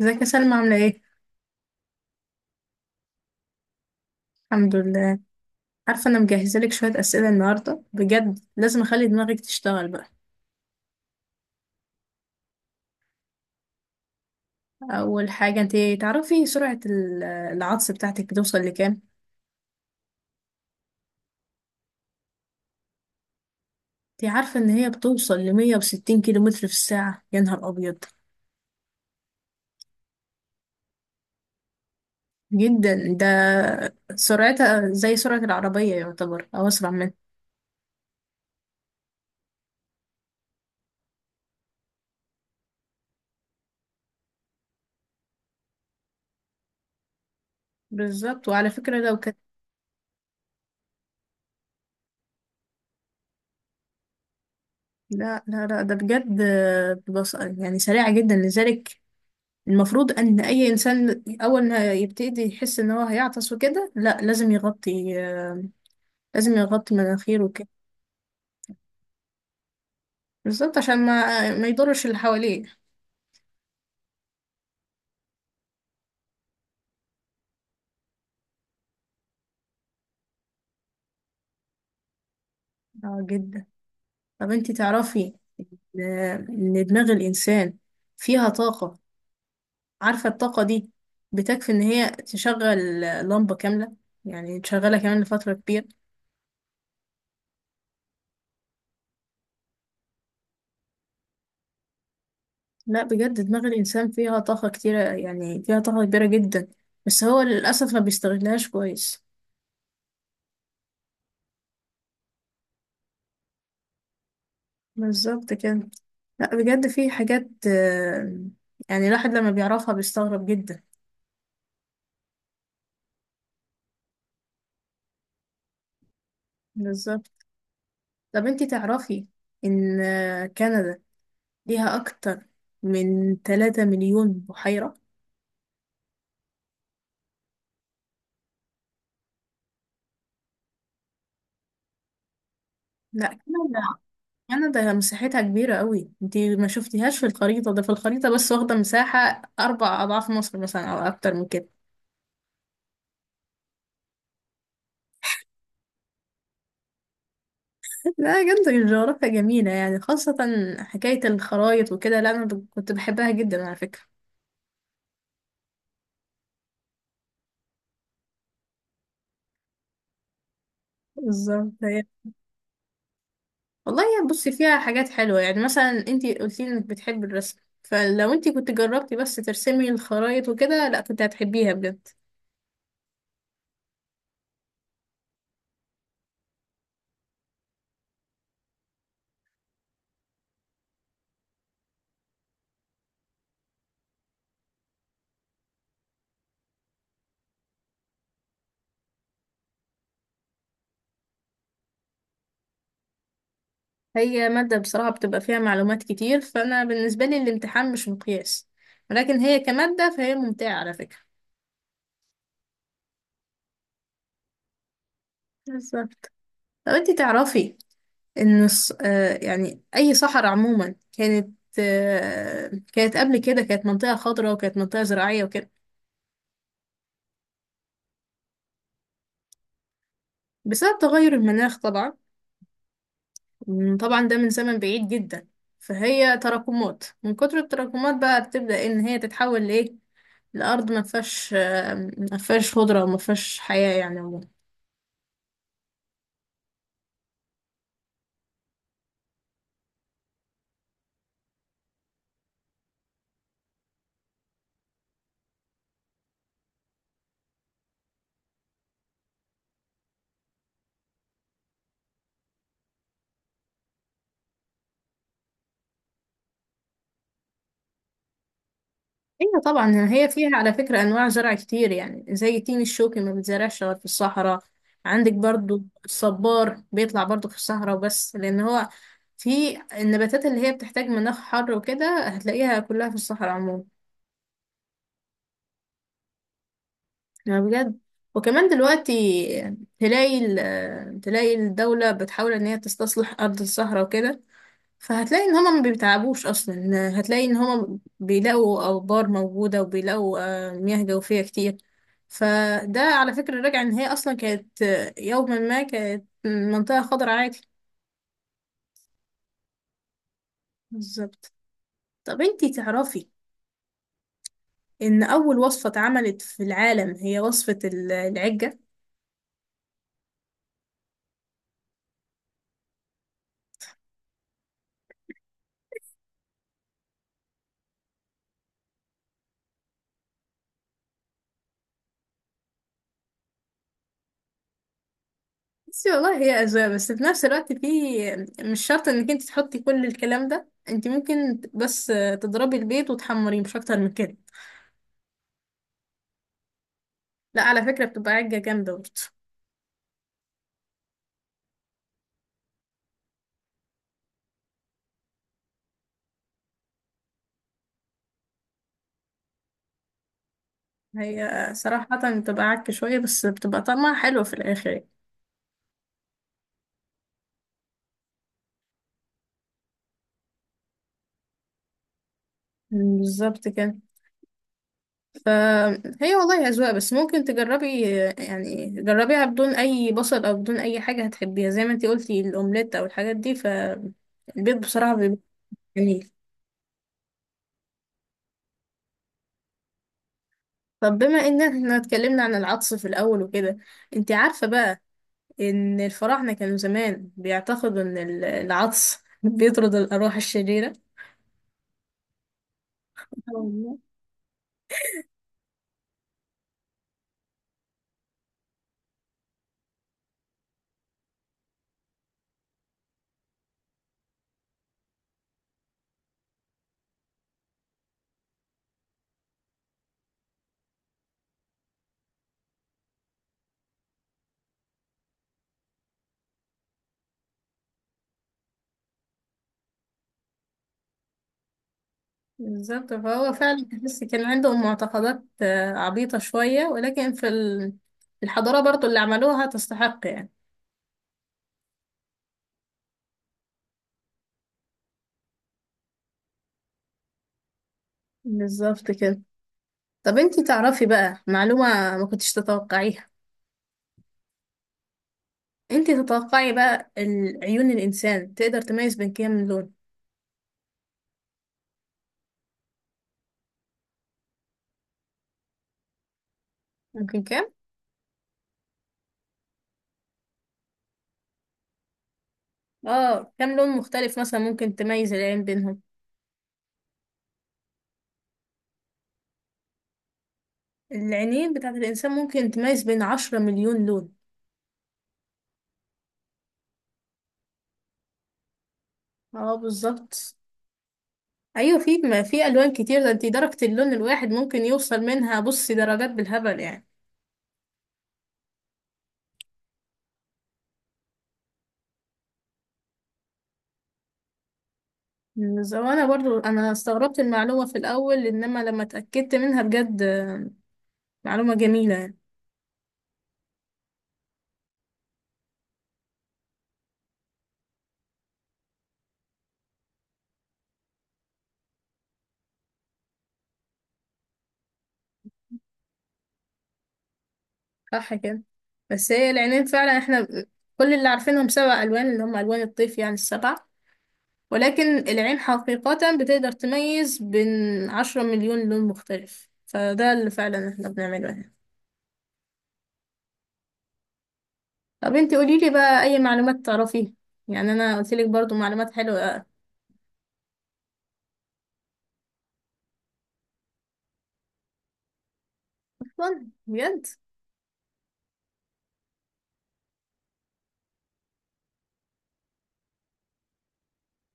ازيك يا سلمى؟ عاملة ايه؟ الحمد لله. عارفة، انا مجهزة لك شوية اسئلة النهاردة، بجد لازم اخلي دماغك تشتغل بقى. اول حاجة، انت تعرفي سرعة العطس بتاعتك بتوصل لكام؟ انت عارفة ان هي بتوصل لمية وستين كيلو متر في الساعة؟ يا نهار ابيض، جدا ده. سرعتها زي سرعة العربية يعتبر، او اسرع منها. بالظبط، وعلى فكرة لو كانت، لا لا لا ده بجد. بص، يعني سريعة جدا، لذلك المفروض ان اي انسان اول ما يبتدي يحس ان هو هيعطس وكده، لا لازم يغطي، لازم يغطي مناخيره وكده. بالظبط، عشان ما يضرش اللي حواليه. اه جدا. طب انتي تعرفي ان إن دماغ الانسان فيها طاقة؟ عارفة الطاقة دي بتكفي ان هي تشغل لمبة كاملة، يعني تشغلها كمان لفترة كبيرة. لا بجد، دماغ الانسان فيها طاقة كتيرة، يعني فيها طاقة كبيرة جدا، بس هو للأسف ما بيستغلهاش كويس. بالظبط كده. لا بجد في حاجات، يعني الواحد لما بيعرفها بيستغرب جدا. بالظبط. طب انتي تعرفي ان كندا ليها اكتر من 3 مليون بحيرة؟ لا كندا، كندا مساحتها كبيرة قوي، انتي ما شفتيهاش في الخريطة، ده في الخريطة بس واخدة مساحة اربع اضعاف مصر مثلا او اكتر من كده. لا بجد الجغرافيا جميلة، يعني خاصة حكاية الخرايط وكده، لا انا كنت بحبها جدا على فكرة. بالظبط والله، يعني بصي فيها حاجات حلوة، يعني مثلا انتي قلتي انك بتحبي الرسم، فلو انتي كنت جربتي بس ترسمي الخرايط وكده لا كنت هتحبيها بجد. هي مادة بصراحة بتبقى فيها معلومات كتير، فأنا بالنسبة لي الامتحان مش مقياس، ولكن هي كمادة فهي ممتعة على فكرة. بالظبط. لو انتي تعرفي ان يعني اي صحراء عموما، كانت قبل كده كانت منطقة خضراء وكانت منطقة زراعية وكده. بسبب تغير المناخ طبعا. طبعا ده من زمن بعيد جدا، فهي تراكمات، من كتر التراكمات بقى بتبدأ ان هي تتحول لايه، الارض ما فيهاش خضره وما فيهاش حياه يعني عموما. ايوه طبعا، هي فيها على فكره انواع زرع كتير، يعني زي التين الشوكي ما بيتزرعش غير في الصحراء، عندك برضو الصبار بيطلع برضو في الصحراء، بس لان هو في النباتات اللي هي بتحتاج مناخ حر وكده هتلاقيها كلها في الصحراء عموما. يعني بجد. وكمان دلوقتي تلاقي الدولة بتحاول ان هي تستصلح ارض الصحراء وكده، فهتلاقي ان هما ما بيتعبوش اصلا، هتلاقي ان هما بيلاقوا ابار موجودة وبيلاقوا مياه جوفية كتير، فده على فكرة راجع ان هي اصلا كانت، يوما ما كانت منطقة خضراء عادي. بالظبط. طب انتي تعرفي ان اول وصفة اتعملت في العالم هي وصفة العجة؟ بس والله هي أذواق، بس في نفس الوقت في، مش شرط انك انت تحطي كل الكلام ده، انت ممكن بس تضربي البيض وتحمريه مش اكتر من كده. لا على فكرة بتبقى عجة جامدة برضه. هي صراحة بتبقى عكة شوية، بس بتبقى طعمها حلو في الآخر يعني. بالظبط كده. فهي والله أذواق، بس ممكن تجربي، يعني جربيها بدون أي بصل أو بدون أي حاجة، هتحبيها زي ما انت قلتي، الأومليت أو الحاجات دي، فالبيض بصراحة بيبقى جميل. طب بما ان احنا اتكلمنا عن العطس في الاول وكده، انت عارفة بقى ان الفراعنة كانوا زمان بيعتقدوا ان العطس بيطرد الارواح الشريرة؟ آه والله. بالظبط، فهو فعلا تحس كان عندهم معتقدات، عبيطة شوية، ولكن في الحضارة برضو اللي عملوها تستحق يعني. بالظبط كده. طب انتي تعرفي بقى معلومة ما كنتش تتوقعيها؟ انتي تتوقعي بقى عيون الإنسان تقدر تميز بين كام لون؟ ممكن كام؟ اه، كام لون مختلف مثلا ممكن تميز العين بينهم؟ العينين بتاعت الإنسان ممكن تميز بين 10 مليون لون. اه بالظبط. أيوة، في، ما في ألوان كتير ده، انتي درجة اللون الواحد ممكن يوصل منها، بصي درجات بالهبل يعني. وأنا برضو، أنا استغربت المعلومة في الأول، إنما لما اتأكدت منها بجد، معلومة جميلة يعني. صح كده. بس هي العينين فعلا، احنا كل اللي عارفينهم سبع ألوان اللي هم ألوان الطيف، يعني السبع، ولكن العين حقيقة بتقدر تميز بين عشرة مليون لون مختلف، فده اللي فعلا احنا بنعمله هنا. طب انت قوليلي بقى اي معلومات تعرفيها، يعني انا قلتلك برضو معلومات حلوة، اصلا بجد.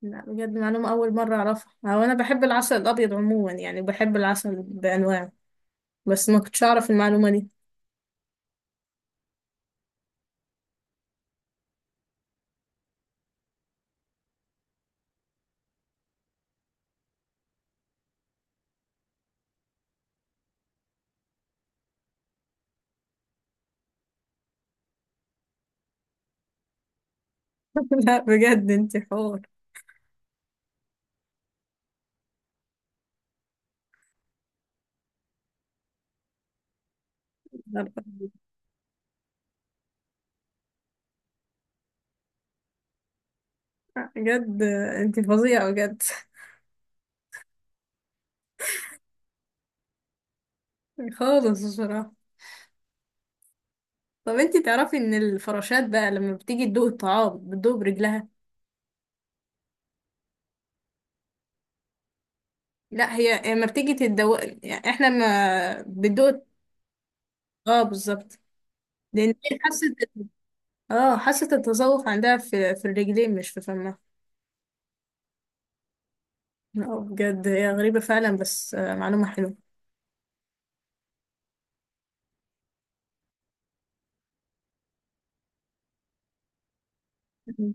لا بجد معلومة اول مرة اعرفها، هو انا بحب العسل الابيض عموما، يعني بحب العسل بانواعه، بس ما كنتش اعرف المعلومة دي. لا بجد انت حور، بجد انت فظيعة بجد. خالص بصراحة. طب انتي تعرفي ان الفراشات بقى لما بتيجي تدوق الطعام بتدوق برجلها؟ لا هي لما بتيجي تدوق، يعني احنا ما بتدوق. اه بالظبط، لان هي حاسه. اه، حاسه التذوق عندها في الرجلين، مش في فمها. اه بجد هي غريبه فعلا، بس معلومه حلوه.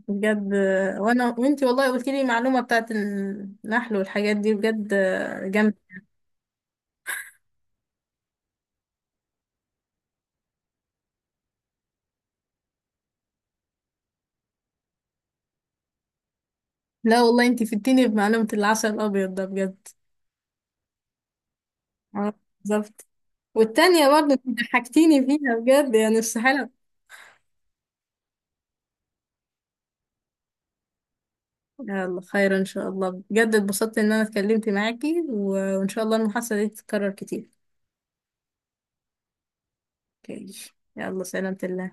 بجد وانا وانتي والله قلت لي معلومه بتاعت النحل والحاجات دي، بجد جامده. لا والله انتي فدتيني بمعلومه العسل الابيض ده بجد. اه بالظبط. والتانية برضه انت ضحكتيني فيها بجد، يعني استحالة. يلا خير ان شاء الله، بجد اتبسطت ان انا اتكلمت معاكي، وان شاء الله المحادثة دي تتكرر كتير. اوكي، يلا سلامة الله.